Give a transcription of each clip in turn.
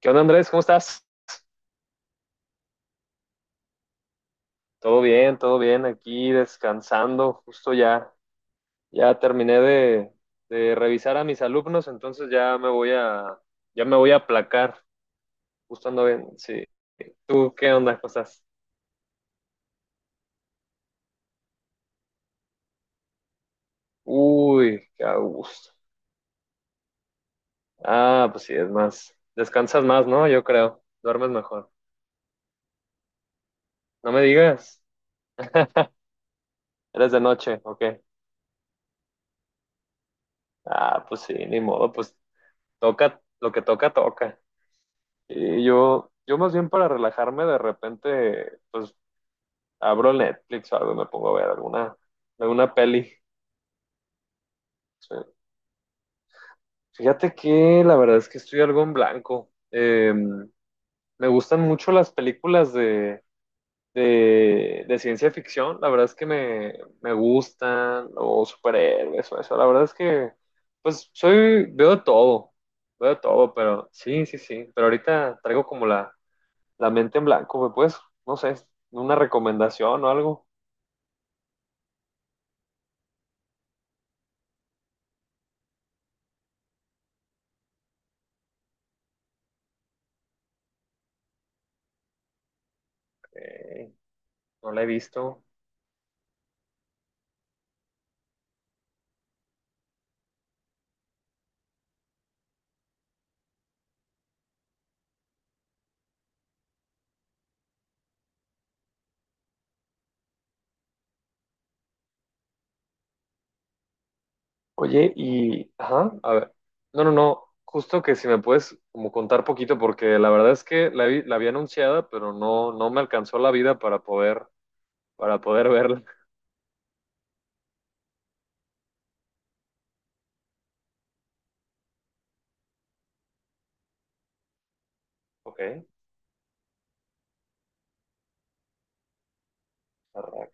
¿Qué onda, Andrés? ¿Cómo estás? Todo bien, aquí descansando, justo ya terminé de revisar a mis alumnos, entonces ya me voy a aplacar, justo ando bien, sí. ¿Tú qué onda, cosas? Uy, qué a gusto. Ah, pues sí, es más, descansas más, ¿no? Yo creo, duermes mejor. No me digas, eres de noche, ¿ok? Ah, pues sí, ni modo, pues toca, lo que toca, toca. Y yo más bien para relajarme, de repente, pues abro Netflix o algo, y me pongo a ver alguna peli. Sí. Fíjate que la verdad es que estoy algo en blanco. Me gustan mucho las películas de ciencia ficción, la verdad es que me gustan, o superhéroes, o eso. La verdad es que, pues, veo de todo, pero sí, sí, sí. Pero ahorita traigo como la mente en blanco, pues, no sé, una recomendación o algo. Eh, no la he visto. Oye, y, ajá, a ver. No, no, no. Justo que si me puedes como contar poquito, porque la verdad es que la había anunciada, pero no, no me alcanzó la vida para poder, verla. Ok, arra-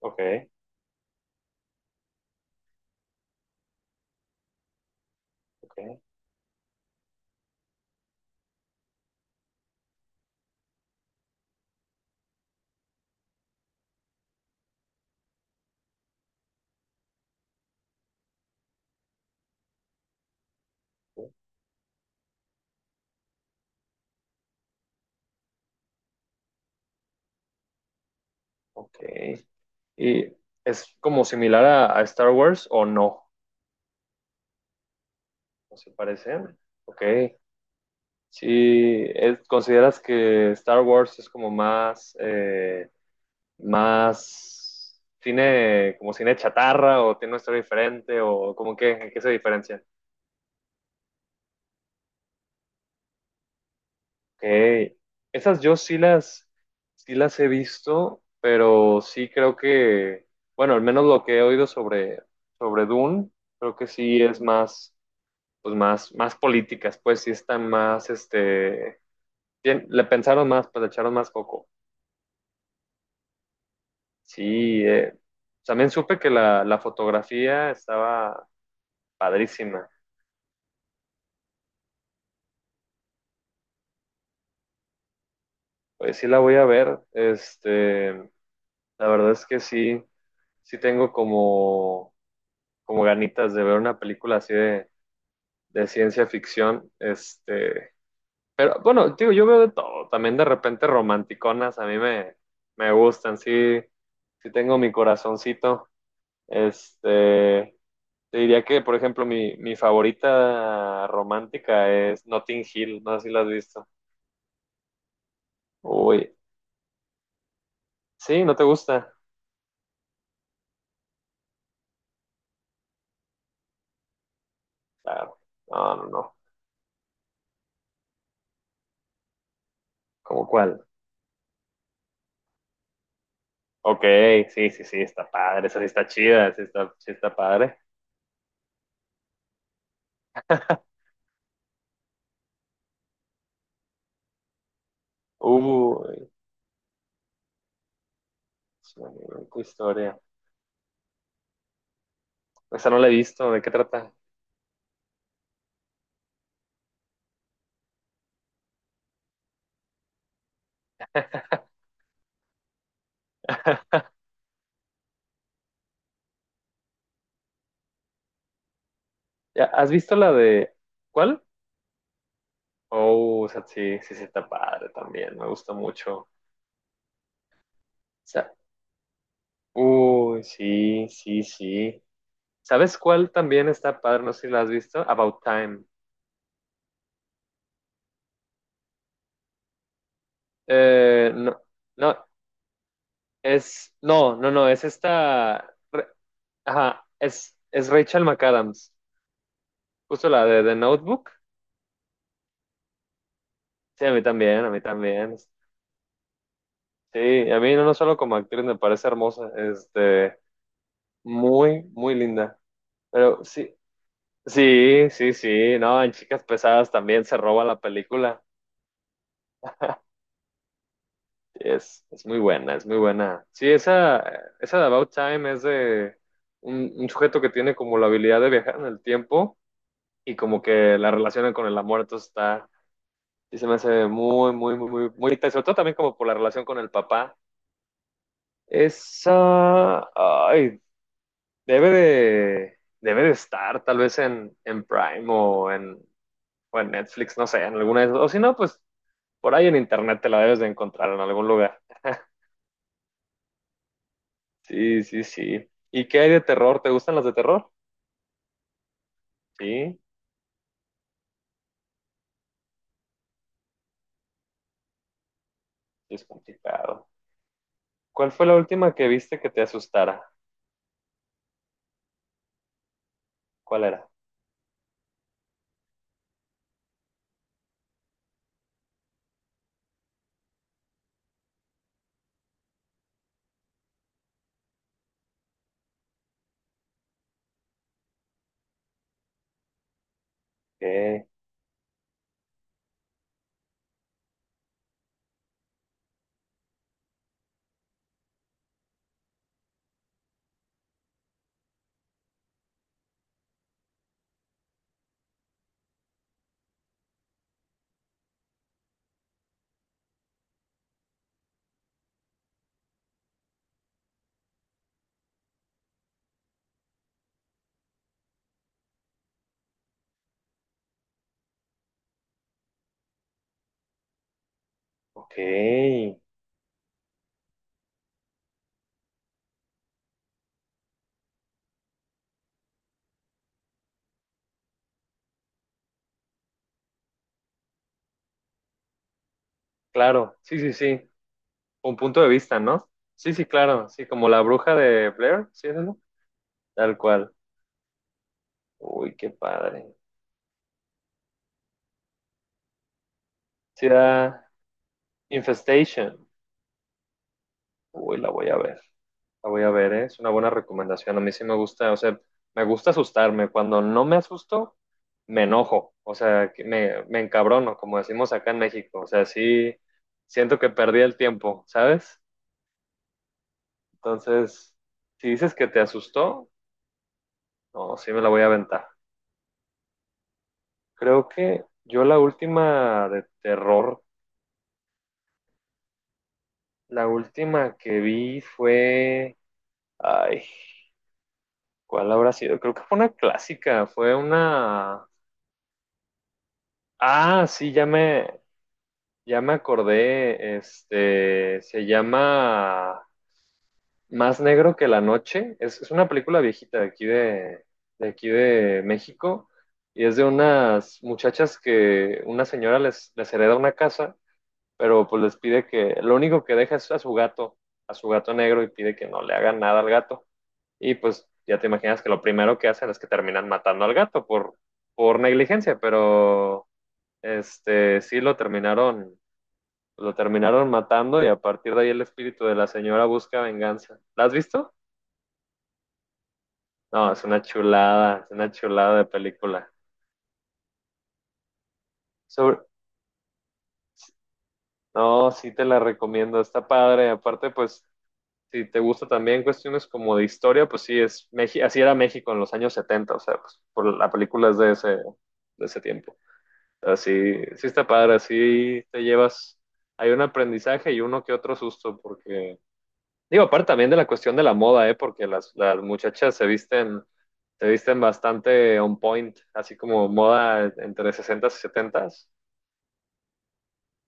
ok, ok, ok. ¿Y es como similar a Star Wars o no? ¿No se parecen? Ok. Sí, ¿consideras que Star Wars es como más cine, como cine chatarra o tiene una historia diferente o como que, en qué se diferencian? Ok, esas yo sí las he visto, pero sí creo que, bueno, al menos lo que he oído sobre Dune, creo que sí es más políticas, pues sí están más, este, le pensaron más, pues le echaron más coco. Sí, también supe que la fotografía estaba padrísima. Pues sí la voy a ver. Este, la verdad es que sí, sí tengo como ganitas de ver una película así de ciencia ficción. Este, pero bueno, digo, yo veo de todo. También de repente romanticonas a mí me gustan. Sí, sí tengo mi corazoncito. Este, te diría que, por ejemplo, mi favorita romántica es Notting Hill, no sé si la has visto. Uy, sí, ¿no te gusta? Claro, no, no, no. ¿Cómo cuál? Ok, sí, sí, sí, está padre, esa sí está chida, sí está padre. Uy, qué historia. Esa no la he visto, ¿de qué trata? Ya, ¿has visto la de cuál? Oh, o sea, sí, sí, sí, está padre también, me gusta mucho. O sea, uy, sí, sí, sí. ¿Sabes cuál también está padre? No sé si la has visto. About Time. No, no, es, no, no, no, es esta, ajá, es Rachel McAdams. Justo la de The Notebook. Sí, a mí también, a mí también. Sí, a mí no, no solo como actriz me parece hermosa, este, muy, muy linda. Pero sí, sí, sí, sí, no, en Chicas Pesadas también se roba la película. Es muy buena, es muy buena. Sí, esa de About Time es de un sujeto que tiene como la habilidad de viajar en el tiempo y como que la relaciona con el amor, entonces está, y se me hace muy, muy, muy, muy, muy bonita, y sobre todo también como por la relación con el papá. Esa, ay, debe de estar tal vez en Prime o o en Netflix, no sé, en alguna de esas, o si no, pues por ahí en internet te la debes de encontrar en algún lugar. Sí, sí, sí. ¿Y qué hay de terror? ¿Te gustan las de terror? Sí, es complicado. ¿Cuál fue la última que viste que te asustara? ¿Cuál era? Ok, ok. Claro, sí, sí, sí. Un punto de vista, ¿no? Sí, sí, claro. Sí, como la bruja de Blair, ¿sí es eso? Tal cual. Uy, qué padre. Sí, era Infestation. Uy, la voy a ver. La voy a ver, ¿eh? Es una buena recomendación. A mí sí me gusta, o sea, me gusta asustarme. Cuando no me asusto, me enojo. O sea, que me encabrono, como decimos acá en México. O sea, sí siento que perdí el tiempo, ¿sabes? Entonces, si dices que te asustó, no, sí me la voy a aventar. Creo que yo la última de terror, la última que vi fue... Ay, ¿cuál habrá sido? Creo que fue una clásica, fue una... Ah, sí, ya me, ya me acordé, este, se llama Más Negro que la Noche. Es una película viejita de aquí de aquí de México y es de unas muchachas que una señora les hereda una casa, pero pues les pide que lo único que deja es a su gato negro y pide que no le hagan nada al gato. Y pues ya te imaginas que lo primero que hacen es que terminan matando al gato por negligencia, pero este, sí lo terminaron matando y a partir de ahí el espíritu de la señora busca venganza. ¿La has visto? No, es una chulada de película. Sobre... No, sí te la recomiendo, está padre. Aparte, pues, si te gusta también cuestiones como de historia, pues sí, así era México en los años 70, o sea, pues, por la película es de ese, tiempo. Así, sí sí está padre, así te llevas, hay un aprendizaje y uno que otro susto, porque digo, aparte también de la cuestión de la moda, ¿eh? Porque las muchachas se visten bastante on point, así como moda entre 60 y 70.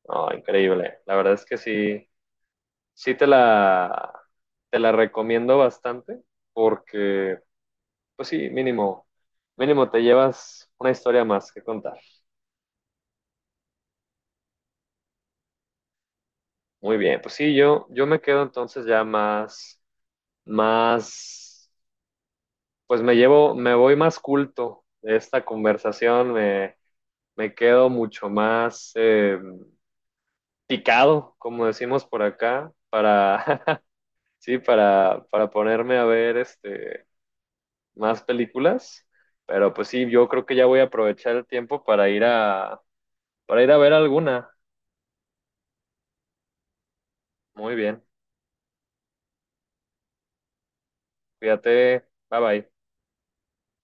No, increíble. La verdad es que sí, sí te la recomiendo bastante porque, pues sí, mínimo, mínimo te llevas una historia más que contar. Muy bien, pues sí, yo me quedo entonces ya más, pues me llevo, me voy más culto de esta conversación, me quedo mucho más picado, como decimos por acá, para, sí, para, ponerme a ver este, más películas. Pero pues sí, yo creo que ya voy a aprovechar el tiempo para ir a, ver alguna. Muy bien, cuídate, bye bye.